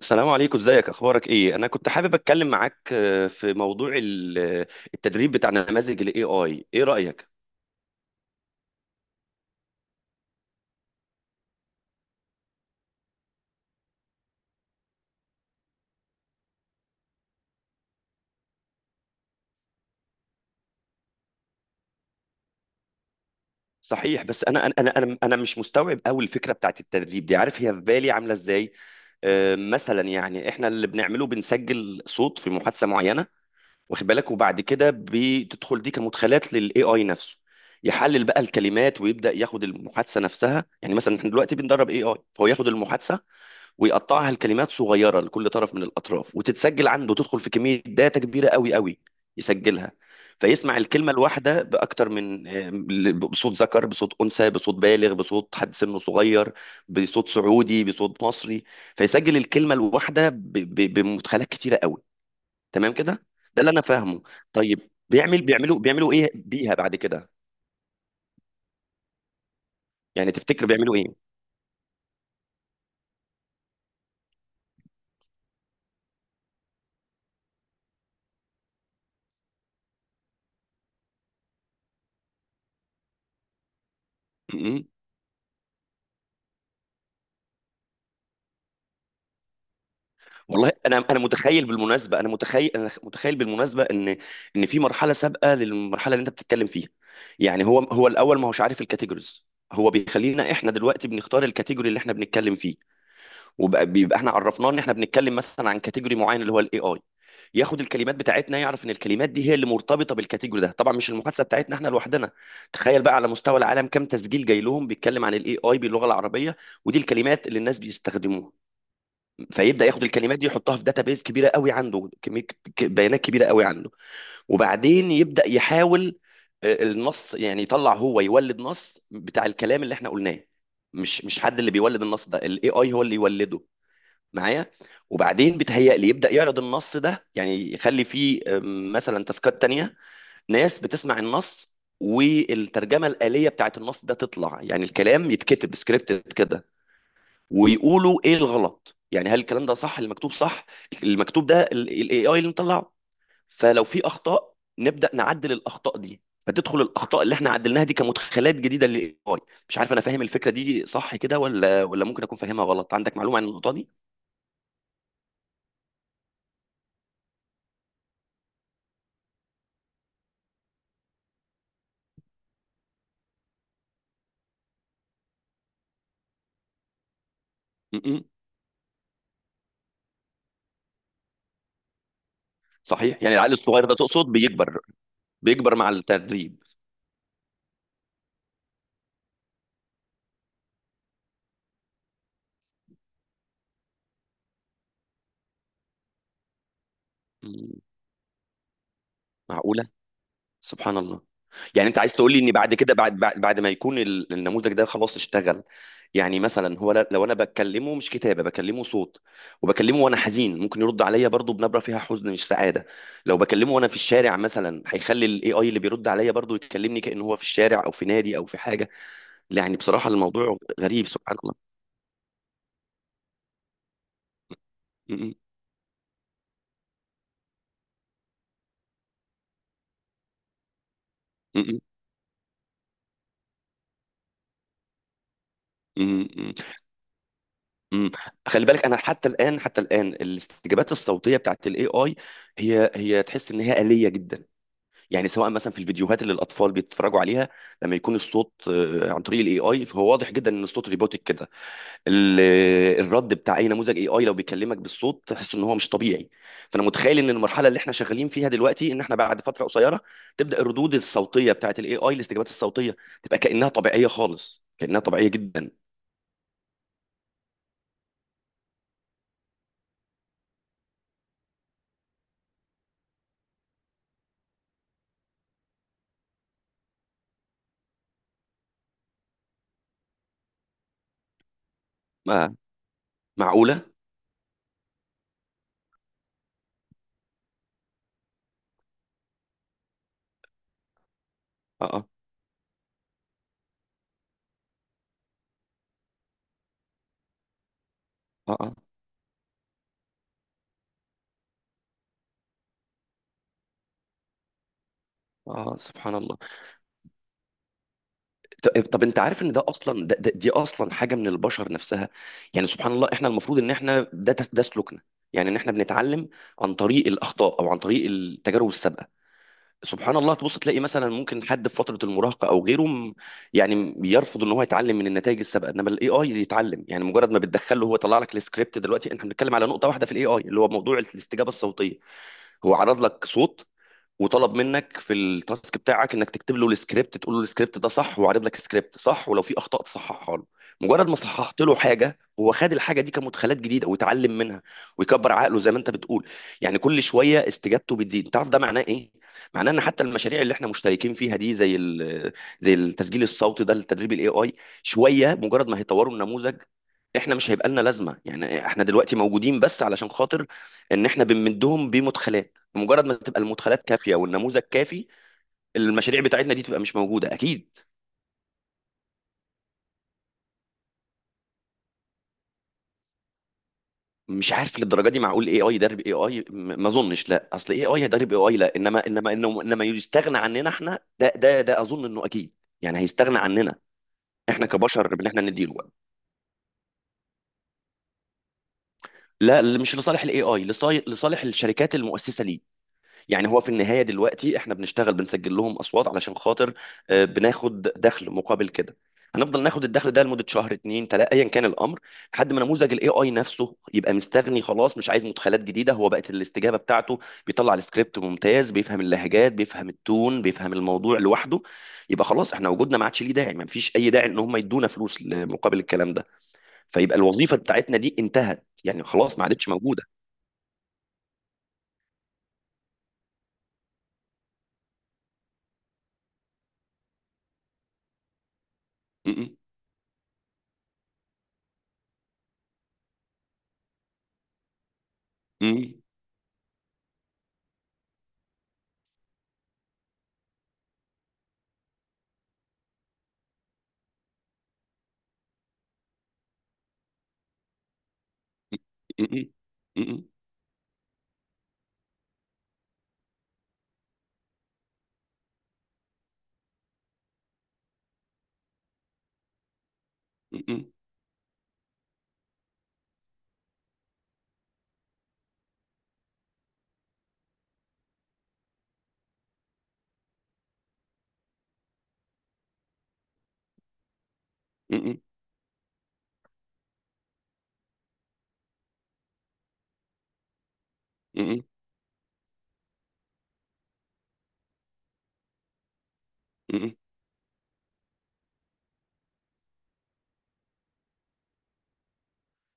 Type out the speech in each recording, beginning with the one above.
السلام عليكم، ازيك، اخبارك ايه؟ انا كنت حابب اتكلم معاك في موضوع التدريب بتاع نماذج الاي اي. ايه رايك؟ صحيح، بس انا انا انا انا أنا مش مستوعب قوي الفكره بتاعت التدريب دي. عارف هي في بالي عامله ازاي؟ مثلا يعني احنا اللي بنعمله بنسجل صوت في محادثه معينه، واخد بالك؟ وبعد كده بتدخل دي كمدخلات للاي اي نفسه، يحلل بقى الكلمات ويبدا ياخد المحادثه نفسها. يعني مثلا احنا دلوقتي بندرب اي اي، فهو ياخد المحادثه ويقطعها لكلمات صغيره لكل طرف من الاطراف، وتتسجل عنده، تدخل في كميه داتا كبيره قوي قوي، يسجلها. فيسمع الكلمه الواحده باكتر من بصوت ذكر، بصوت انثى، بصوت بالغ، بصوت حد سنه صغير، بصوت سعودي، بصوت مصري. فيسجل الكلمه الواحده بمدخلات كتيره قوي. تمام كده؟ ده اللي انا فاهمه. طيب بيعملوا ايه بيها بعد كده؟ يعني تفتكر بيعملوا ايه؟ والله انا متخيل بالمناسبه ان ان في مرحله سابقه للمرحله اللي انت بتتكلم فيها. يعني هو الاول ما هوش عارف الكاتيجوريز. هو بيخلينا احنا دلوقتي بنختار الكاتيجوري اللي احنا بنتكلم فيه، وبيبقى احنا عرفناه ان احنا بنتكلم مثلا عن كاتيجوري معين، اللي هو الاي اي، ياخد الكلمات بتاعتنا، يعرف ان الكلمات دي هي اللي مرتبطه بالكاتيجوري ده، طبعا مش المحادثه بتاعتنا احنا لوحدنا. تخيل بقى على مستوى العالم، كم تسجيل جاي لهم بيتكلم عن الاي اي باللغه العربيه، ودي الكلمات اللي الناس بيستخدموها. فيبدا ياخد الكلمات دي يحطها في داتابيز كبيره قوي، عنده كميه بيانات كبيره قوي عنده. وبعدين يبدا يحاول النص. يعني يطلع هو يولد نص بتاع الكلام اللي احنا قلناه. مش حد اللي بيولد النص ده، الاي اي هو اللي يولده، معايا؟ وبعدين بتهيأ لي يبدا يعرض النص ده، يعني يخلي فيه مثلا تاسكات تانية، ناس بتسمع النص والترجمه الآلية بتاعت النص ده تطلع، يعني الكلام يتكتب سكريبت كده، ويقولوا ايه الغلط. يعني هل الكلام ده صح، المكتوب صح، المكتوب ده الاي اي اللي مطلعه. فلو في اخطاء نبدا نعدل الاخطاء دي، فتدخل الاخطاء اللي احنا عدلناها دي كمدخلات جديده للاي اي. مش عارف، انا فاهم الفكره دي صح كده ولا ممكن اكون فاهمها غلط؟ عندك معلومه عن النقطه دي؟ م-م. صحيح. يعني العقل الصغير ده تقصد بيكبر؟ بيكبر مع التدريب. م. معقوله. سبحان الله. يعني انت عايز تقول لي ان بعد كده، بعد ما يكون النموذج ده خلاص اشتغل، يعني مثلا هو لو انا بكلمه مش كتابه، بكلمه صوت، وبكلمه وانا حزين، ممكن يرد عليا برضو بنبره فيها حزن مش سعاده. لو بكلمه وانا في الشارع مثلا، هيخلي الاي اي اللي بيرد عليا برضو يكلمني كأنه هو في الشارع او في نادي او في حاجه. يعني بصراحه الموضوع غريب. سبحان الله. م- م- م- م- م- م. م. خلي بالك، انا حتى الان الاستجابات الصوتيه بتاعت الاي اي، هي تحس ان هي آلية جدا. يعني سواء مثلا في الفيديوهات اللي الاطفال بيتفرجوا عليها، لما يكون الصوت عن طريق الاي اي، فهو واضح جدا ان الصوت روبوتك كده. الرد بتاع اي نموذج اي اي لو بيكلمك بالصوت تحس ان هو مش طبيعي. فانا متخيل ان المرحله اللي احنا شغالين فيها دلوقتي، ان احنا بعد فتره قصيره تبدا الردود الصوتيه بتاعت الاي اي، الاستجابات الصوتيه، تبقى كانها طبيعيه خالص، كانها طبيعيه جدا. ما معقوله؟ اه، اه، اه، اه، سبحان الله. طب، انت عارف ان ده اصلا، ده ده دي اصلا حاجه من البشر نفسها. يعني سبحان الله، احنا المفروض ان احنا ده سلوكنا، يعني ان احنا بنتعلم عن طريق الاخطاء او عن طريق التجارب السابقه. سبحان الله، تبص تلاقي مثلا ممكن حد في فتره المراهقه او غيره يعني يرفض ان هو يتعلم من النتائج السابقه، انما الاي اي يتعلم. يعني مجرد ما بتدخله هو طلع لك السكريبت. دلوقتي احنا بنتكلم على نقطه واحده في الاي اي، اللي هو موضوع الاستجابه الصوتيه. هو عرض لك صوت، وطلب منك في التاسك بتاعك انك تكتب له السكريبت، تقول له السكريبت ده صح، وعرض لك سكريبت صح، ولو في اخطاء تصححها له. مجرد ما صححت له حاجه، هو خد الحاجه دي كمدخلات جديده ويتعلم منها ويكبر عقله زي ما انت بتقول. يعني كل شويه استجابته بتزيد. تعرف ده معناه ايه؟ معناه ان حتى المشاريع اللي احنا مشتركين فيها دي، زي زي التسجيل الصوتي ده لتدريب الاي اي، شويه مجرد ما هيطوروا النموذج احنا مش هيبقى لنا لازمه. يعني احنا دلوقتي موجودين بس علشان خاطر ان احنا بنمدهم بمدخلات. بمجرد ما تبقى المدخلات كافيه والنموذج كافي، المشاريع بتاعتنا دي تبقى مش موجوده اكيد. مش عارف للدرجه دي، معقول اي اي يدرب اي اي؟ ما اظنش. لا، اصل اي اي هيدرب اي اي، لا، انما يستغنى عننا احنا، ده اظن انه اكيد. يعني هيستغنى عننا احنا كبشر، ان احنا نديله. لا، مش لصالح الاي اي، لصالح الشركات المؤسسه ليه. يعني هو في النهاية دلوقتي احنا بنشتغل بنسجل لهم اصوات علشان خاطر بناخد دخل مقابل كده. هنفضل ناخد الدخل ده لمدة شهر، 2، 3، ايا كان الامر، لحد ما نموذج الاي اي نفسه يبقى مستغني خلاص، مش عايز مدخلات جديدة، هو بقت الاستجابة بتاعته بيطلع السكريبت ممتاز، بيفهم اللهجات، بيفهم التون، بيفهم الموضوع لوحده، يبقى خلاص احنا وجودنا ما عادش ليه داعي. ما فيش اي داعي ان هم يدونا فلوس مقابل الكلام ده، فيبقى الوظيفة بتاعتنا دي انتهت، يعني خلاص ما عادتش موجودة. م- م- م- م- م- م- م- م- م- م- م- م- م-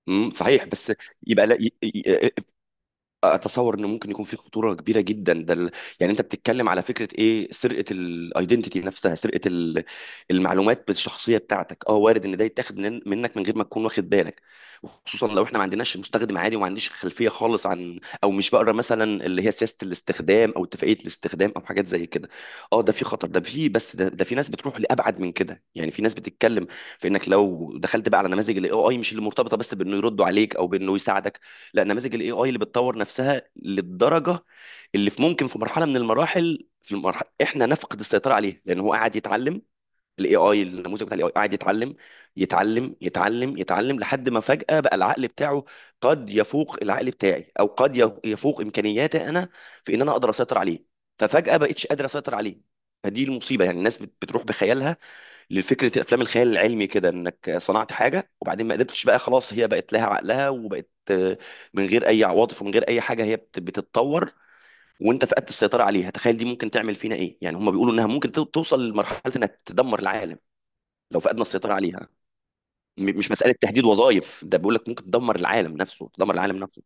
م-. صحيح، بس يبقى، لا، اتصور انه ممكن يكون في خطوره كبيره جدا. ده يعني انت بتتكلم على فكره ايه، سرقه الايدنتيتي نفسها، سرقه المعلومات الشخصيه بتاعتك. اه، وارد ان ده يتاخد منك من غير ما تكون واخد بالك. خصوصا لو احنا ما عندناش، مستخدم عادي وما عنديش خلفيه خالص عن، او مش بقرا مثلا اللي هي سياسه الاستخدام او اتفاقيه الاستخدام او حاجات زي كده. اه، ده في خطر، ده في، بس ده في ناس بتروح لابعد من كده، يعني في ناس بتتكلم في انك لو دخلت بقى على نماذج الاي اي، مش اللي مرتبطه بس بانه يردوا عليك او بانه يساعدك، لا، نماذج الاي اي اللي بتطور نفسها للدرجه اللي في، ممكن في مرحله من المراحل في المرحله احنا نفقد السيطره عليه، لان هو قاعد يتعلم. الاي اي، النموذج بتاع الاي اي قاعد يتعلم، يتعلم يتعلم يتعلم لحد ما فجاه بقى العقل بتاعه قد يفوق العقل بتاعي، او قد يفوق امكانياتي انا في ان انا اقدر اسيطر عليه. ففجاه بقتش قادر اسيطر عليه. فدي المصيبه. يعني الناس بتروح بخيالها لفكره افلام الخيال العلمي كده، انك صنعت حاجه وبعدين ما قدرتش بقى خلاص، هي بقت لها عقلها وبقت من غير اي عواطف، ومن غير اي حاجه، هي بتتطور، وانت فقدت السيطره عليها. تخيل دي ممكن تعمل فينا ايه. يعني هم بيقولوا انها ممكن توصل لمرحله انها تدمر العالم لو فقدنا السيطره عليها. مش مساله تهديد وظائف، ده بيقول لك ممكن تدمر العالم نفسه، تدمر العالم نفسه.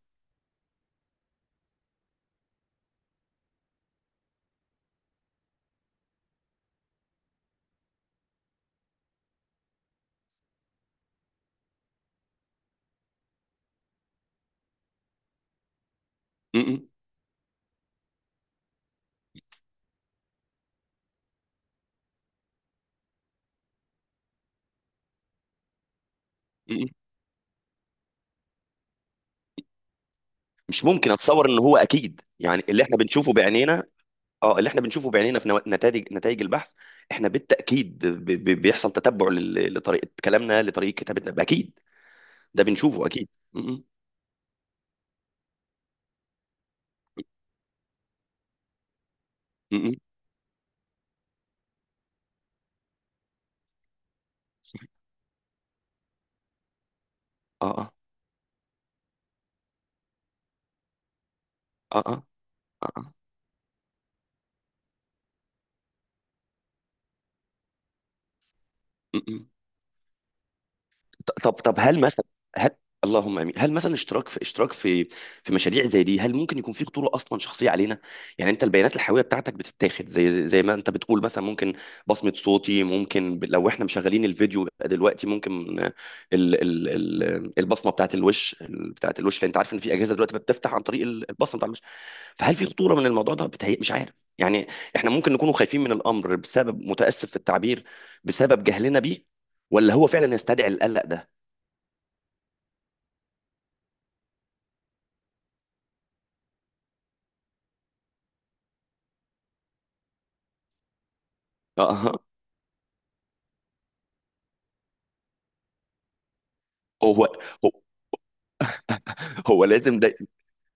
م- م- م- م. مش ممكن، اتصور ان هو اكيد، يعني اللي احنا بنشوفه بعينينا. اه، اللي احنا بنشوفه بعينينا في نتائج البحث، احنا بالتاكيد بيحصل تتبع لطريقه كلامنا، لطريقه كتابتنا، اكيد. ده بنشوفه اكيد. م- م- م- م. صح. اه، اه، اه، اه، اه، آه. م- م. طب هل مثلا، هل، اللهم امين، هل مثلا اشتراك في في مشاريع زي دي، هل ممكن يكون في خطوره اصلا شخصيه علينا؟ يعني انت البيانات الحيويه بتاعتك بتتاخد زي ما انت بتقول، مثلا ممكن بصمه صوتي، ممكن لو احنا مشغلين الفيديو يبقى دلوقتي ممكن ال ال ال البصمه بتاعت الوش، بتاعت الوش، لان انت عارف ان في اجهزه دلوقتي بتفتح عن طريق البصمه بتاعت الوش. فهل في خطوره من الموضوع ده؟ بتهيأ، مش عارف، يعني احنا ممكن نكونوا خايفين من الامر بسبب، متاسف في التعبير، بسبب جهلنا بيه، ولا هو فعلا يستدعي القلق ده؟ آه. هو هو هو لازم ده.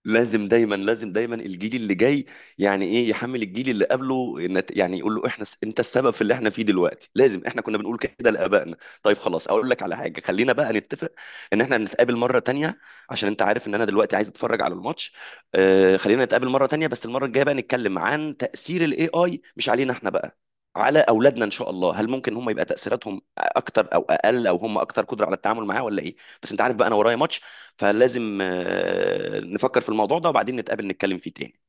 لازم دايما الجيل اللي جاي، يعني ايه يحمل الجيل اللي قبله يعني يقول له احنا انت السبب في اللي احنا فيه دلوقتي؟ لازم احنا كنا بنقول كده لابائنا. طيب خلاص، اقول لك على حاجه، خلينا بقى نتفق ان احنا نتقابل مره تانية، عشان انت عارف ان انا دلوقتي عايز اتفرج على الماتش. خلينا نتقابل مره تانية، بس المره الجايه بقى نتكلم عن تاثير الاي اي، مش علينا احنا بقى، على اولادنا ان شاء الله. هل ممكن هم يبقى تاثيراتهم اكتر او اقل، او هم اكتر قدره على التعامل معاه، ولا ايه؟ بس انت عارف بقى، انا ورايا ماتش، فلازم نفكر في الموضوع ده وبعدين نتقابل نتكلم فيه تاني.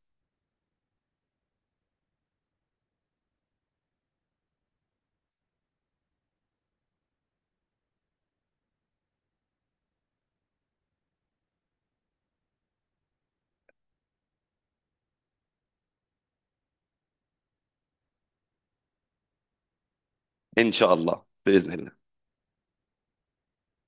إن شاء الله، بإذن الله.